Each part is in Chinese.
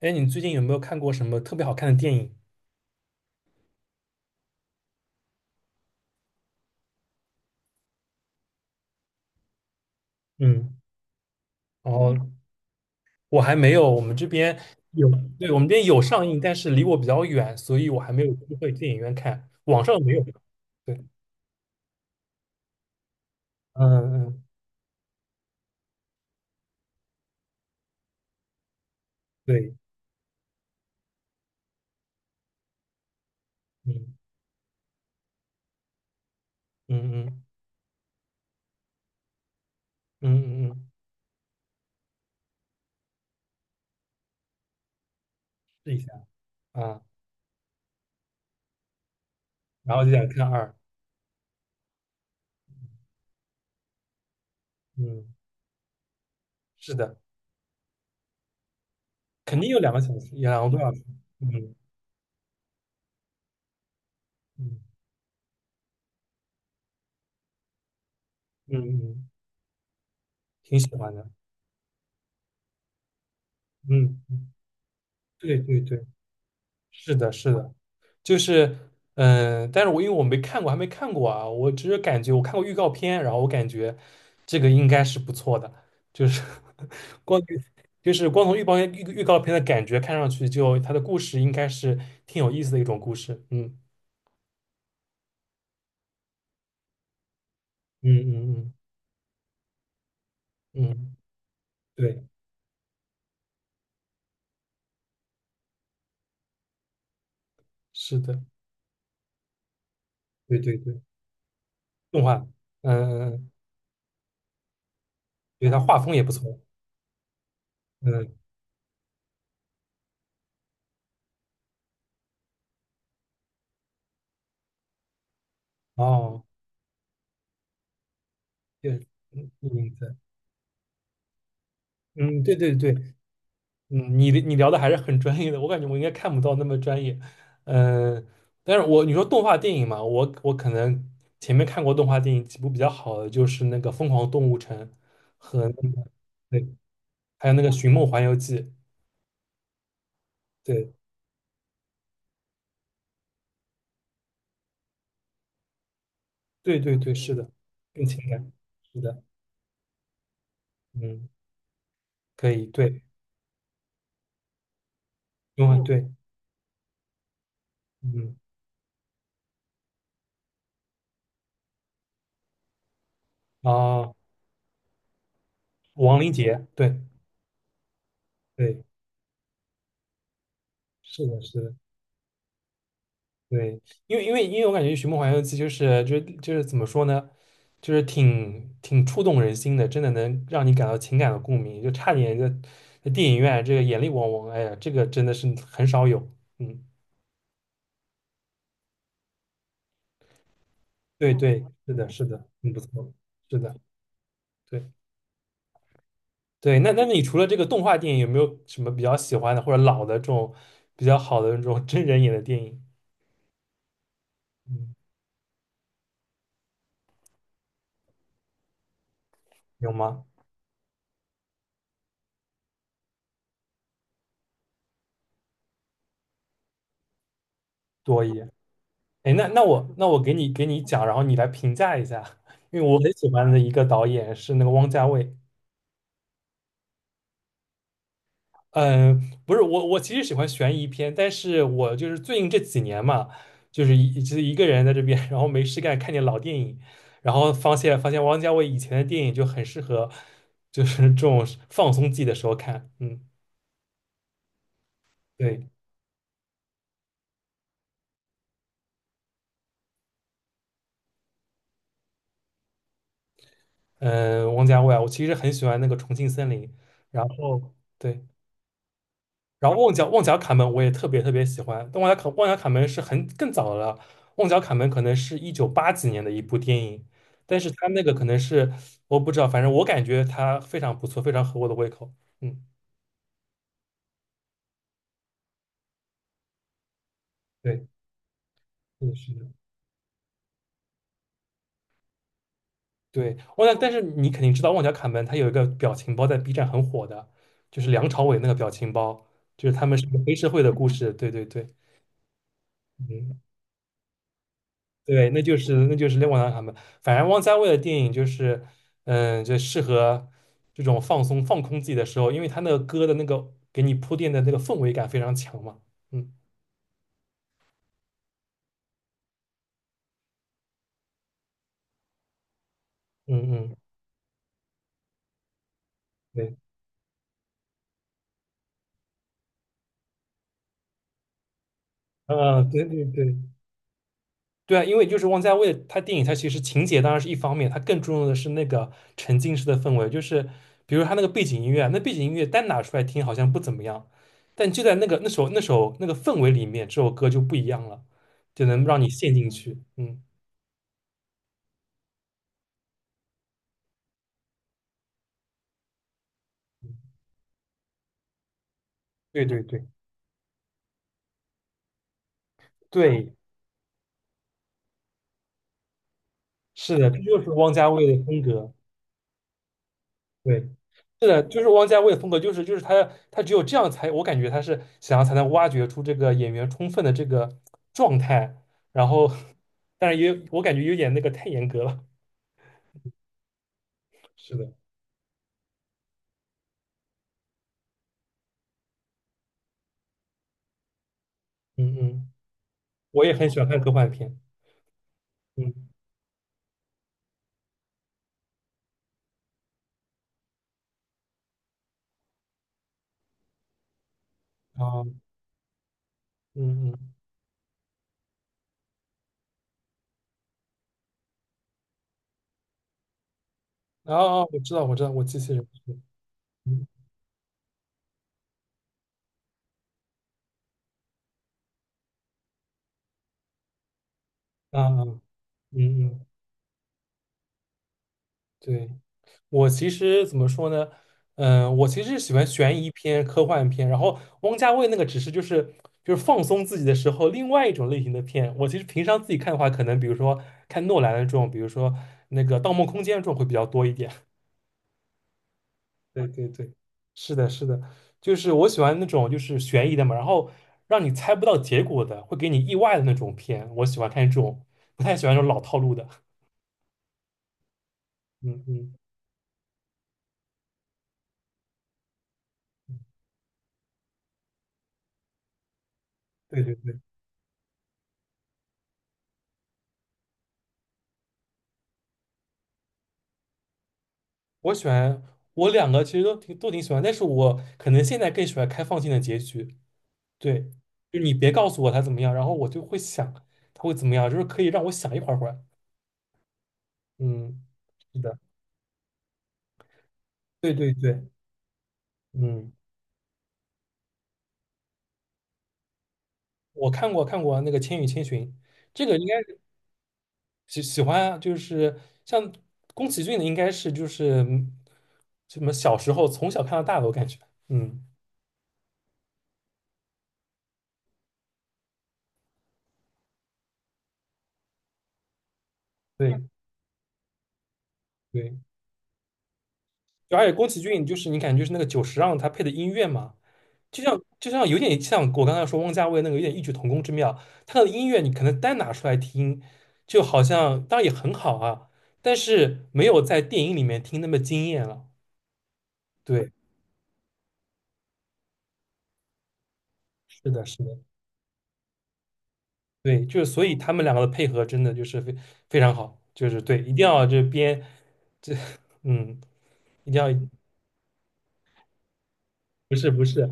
哎，你最近有没有看过什么特别好看的电影？嗯，然后我还没有，我们这边有，对，我们这边有上映，但是离我比较远，所以我还没有机会去电影院看，网上没有。对，嗯嗯，对，嗯嗯嗯嗯嗯嗯，试一下啊，然后就想看二，嗯，是的，肯定有两个小时，有两个多小时，嗯嗯嗯嗯，挺喜欢的，嗯，嗯对对对，是的，是的，就是，嗯，但是我因为我没看过，还没看过啊，我只是感觉我看过预告片，然后我感觉这个应该是不错的，就是 光从预告片预告片的感觉看上去就，它的故事应该是挺有意思的一种故事，嗯嗯嗯嗯嗯，对，是的，对对对，动画，嗯，嗯对，它画风也不错，嗯，哦，对，嗯，嗯对，嗯，对对对。嗯，你聊的还是很专业的，我感觉我应该看不到那么专业。嗯，但是我你说动画电影嘛，我可能前面看过动画电影几部比较好的，就是那个《疯狂动物城》和那个对，还有那个《寻梦环游记》。对对对对，是的，更情感，是的，嗯，可以，对，动画对，嗯啊，王林杰，对对，是的，是的，对，因为我感觉《寻梦环游记》就是怎么说呢，就是挺触动人心的，真的能让你感到情感的共鸣，就差点就在电影院这个眼泪汪汪，哎呀，这个真的是很少有。嗯，对对，是的，是的，很不错，是的，对对。那你除了这个动画电影，有没有什么比较喜欢的或者老的这种比较好的这种真人演的电影？嗯，有吗？多一点。哎，那我给你讲，然后你来评价一下，因为我很喜欢的一个导演是那个汪家卫。嗯，不是我，我其实喜欢悬疑片，但是我就是最近这几年嘛，就是一个人在这边，然后没事干看点老电影，然后发现汪家卫以前的电影就很适合，就是这种放松自己的时候看。嗯，对，嗯，汪家卫啊，我其实很喜欢那个《重庆森林》，然后对。然后旺角卡门我也特别特别喜欢，但旺角卡门是很更早的了，旺角卡门可能是一九八几年的一部电影，但是他那个可能是我不知道，反正我感觉它非常不错，非常合我的胃口。嗯，对，是的，是的。对，旺角，但是你肯定知道旺角卡门，他有一个表情包在 B 站很火的，就是梁朝伟那个表情包，就是他们是个黑社会的故事。对对对，嗯。对，那就是汪洋他们，反正汪家卫的电影就是，嗯，就适合这种放松、放空自己的时候，因为他那个歌的那个给你铺垫的那个氛围感非常强嘛。嗯嗯嗯，对，啊，对对对对啊，因为就是汪家卫他电影，他其实情节当然是一方面，他更注重的是那个沉浸式的氛围，就是比如他那个背景音乐啊那背景音乐单拿出来听好像不怎么样，但就在那个那首那个氛围里面，这首歌就不一样了，就能让你陷进去。嗯。对对对对，是的，这就是汪家卫的风格。对，是的，就是汪家卫的风格，就是他只有这样才，我感觉他是想要才能挖掘出这个演员充分的这个状态，然后，但是也有我感觉有点那个太严格了。是的，嗯嗯，我也很喜欢看科幻片。嗯啊，嗯嗯，啊啊，我知道我知道，我机器人是，嗯啊啊，嗯嗯，对。我其实怎么说呢？我其实是喜欢悬疑片、科幻片，然后汪家卫那个只是就是放松自己的时候另外一种类型的片。我其实平常自己看的话，可能比如说看诺兰的这种，比如说那个《盗梦空间》这种会比较多一点。对对对，是的，是的，就是我喜欢那种就是悬疑的嘛，然后让你猜不到结果的，会给你意外的那种片，我喜欢看这种，不太喜欢这种老套路的。嗯嗯，对对对。我喜欢我两个其实都挺喜欢，但是我可能现在更喜欢开放性的结局。对，就你别告诉我他怎么样，然后我就会想他会怎么样，就是可以让我想一会儿。嗯，是的，对对对，嗯，我看过那个《千与千寻》，这个应该是喜欢啊就是像宫崎骏的，应该是就是什么小时候从小看到大的，我感觉，嗯，对对，就而且宫崎骏就是你感觉就是那个久石让他配的音乐嘛。就像有点像我刚才说汪家卫那个有点异曲同工之妙，他的音乐你可能单拿出来听，就好像当然也很好啊，但是没有在电影里面听那么惊艳了。对，是的，是的，对，就是所以他们两个的配合真的就是非常好，就是对，一定要这边这 嗯，一定要不是不是，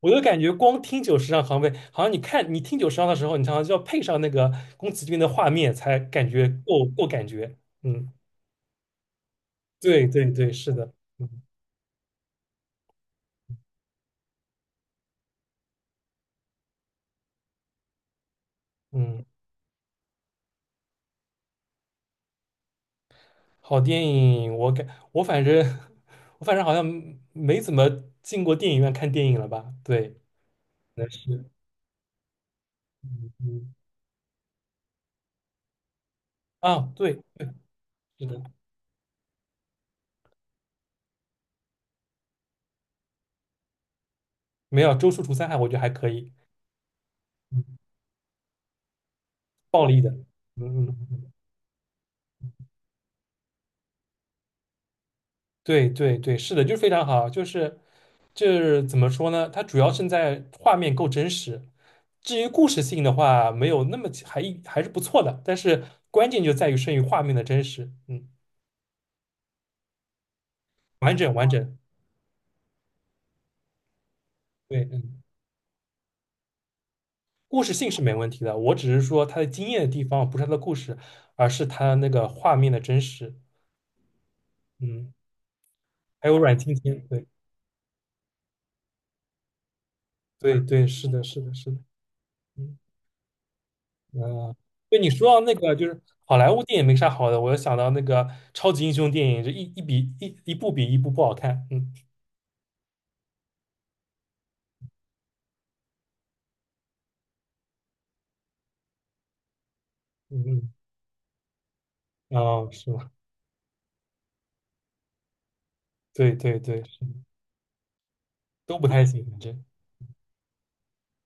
我就感觉光听久石让行为，好像你看你听久石让的时候，你常常就要配上那个宫崎骏的画面才感觉够感觉，嗯。对对对，是的，嗯嗯，好电影，我反正 我反正好像没怎么进过电影院看电影了吧？对，那是，嗯嗯，啊，对对，是的，没有《周处除三害》，我觉得还可以，嗯，暴力的，嗯嗯，嗯对对对，是的，就是非常好，就是怎么说呢？它主要胜在画面够真实，至于故事性的话，没有那么还是不错的，但是关键就在于胜于画面的真实，嗯。完整完整，对，嗯，故事性是没问题的，我只是说它的惊艳的地方不是它的故事，而是它那个画面的真实，嗯，还有阮经天，对对对，是的，是的，是的，嗯，啊，对你说到那个就是好莱坞电影没啥好的，我又想到那个超级英雄电影，这一部比一部不好看，嗯嗯嗯，哦，是吗？对对对，是的，都不太行，反正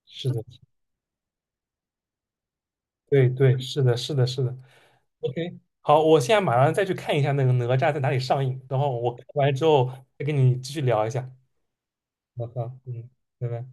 是的，对对，是的，是的，是的，OK，好，我现在马上再去看一下那个哪吒在哪里上映，然后我看完之后再跟你继续聊一下。好好，嗯，拜拜。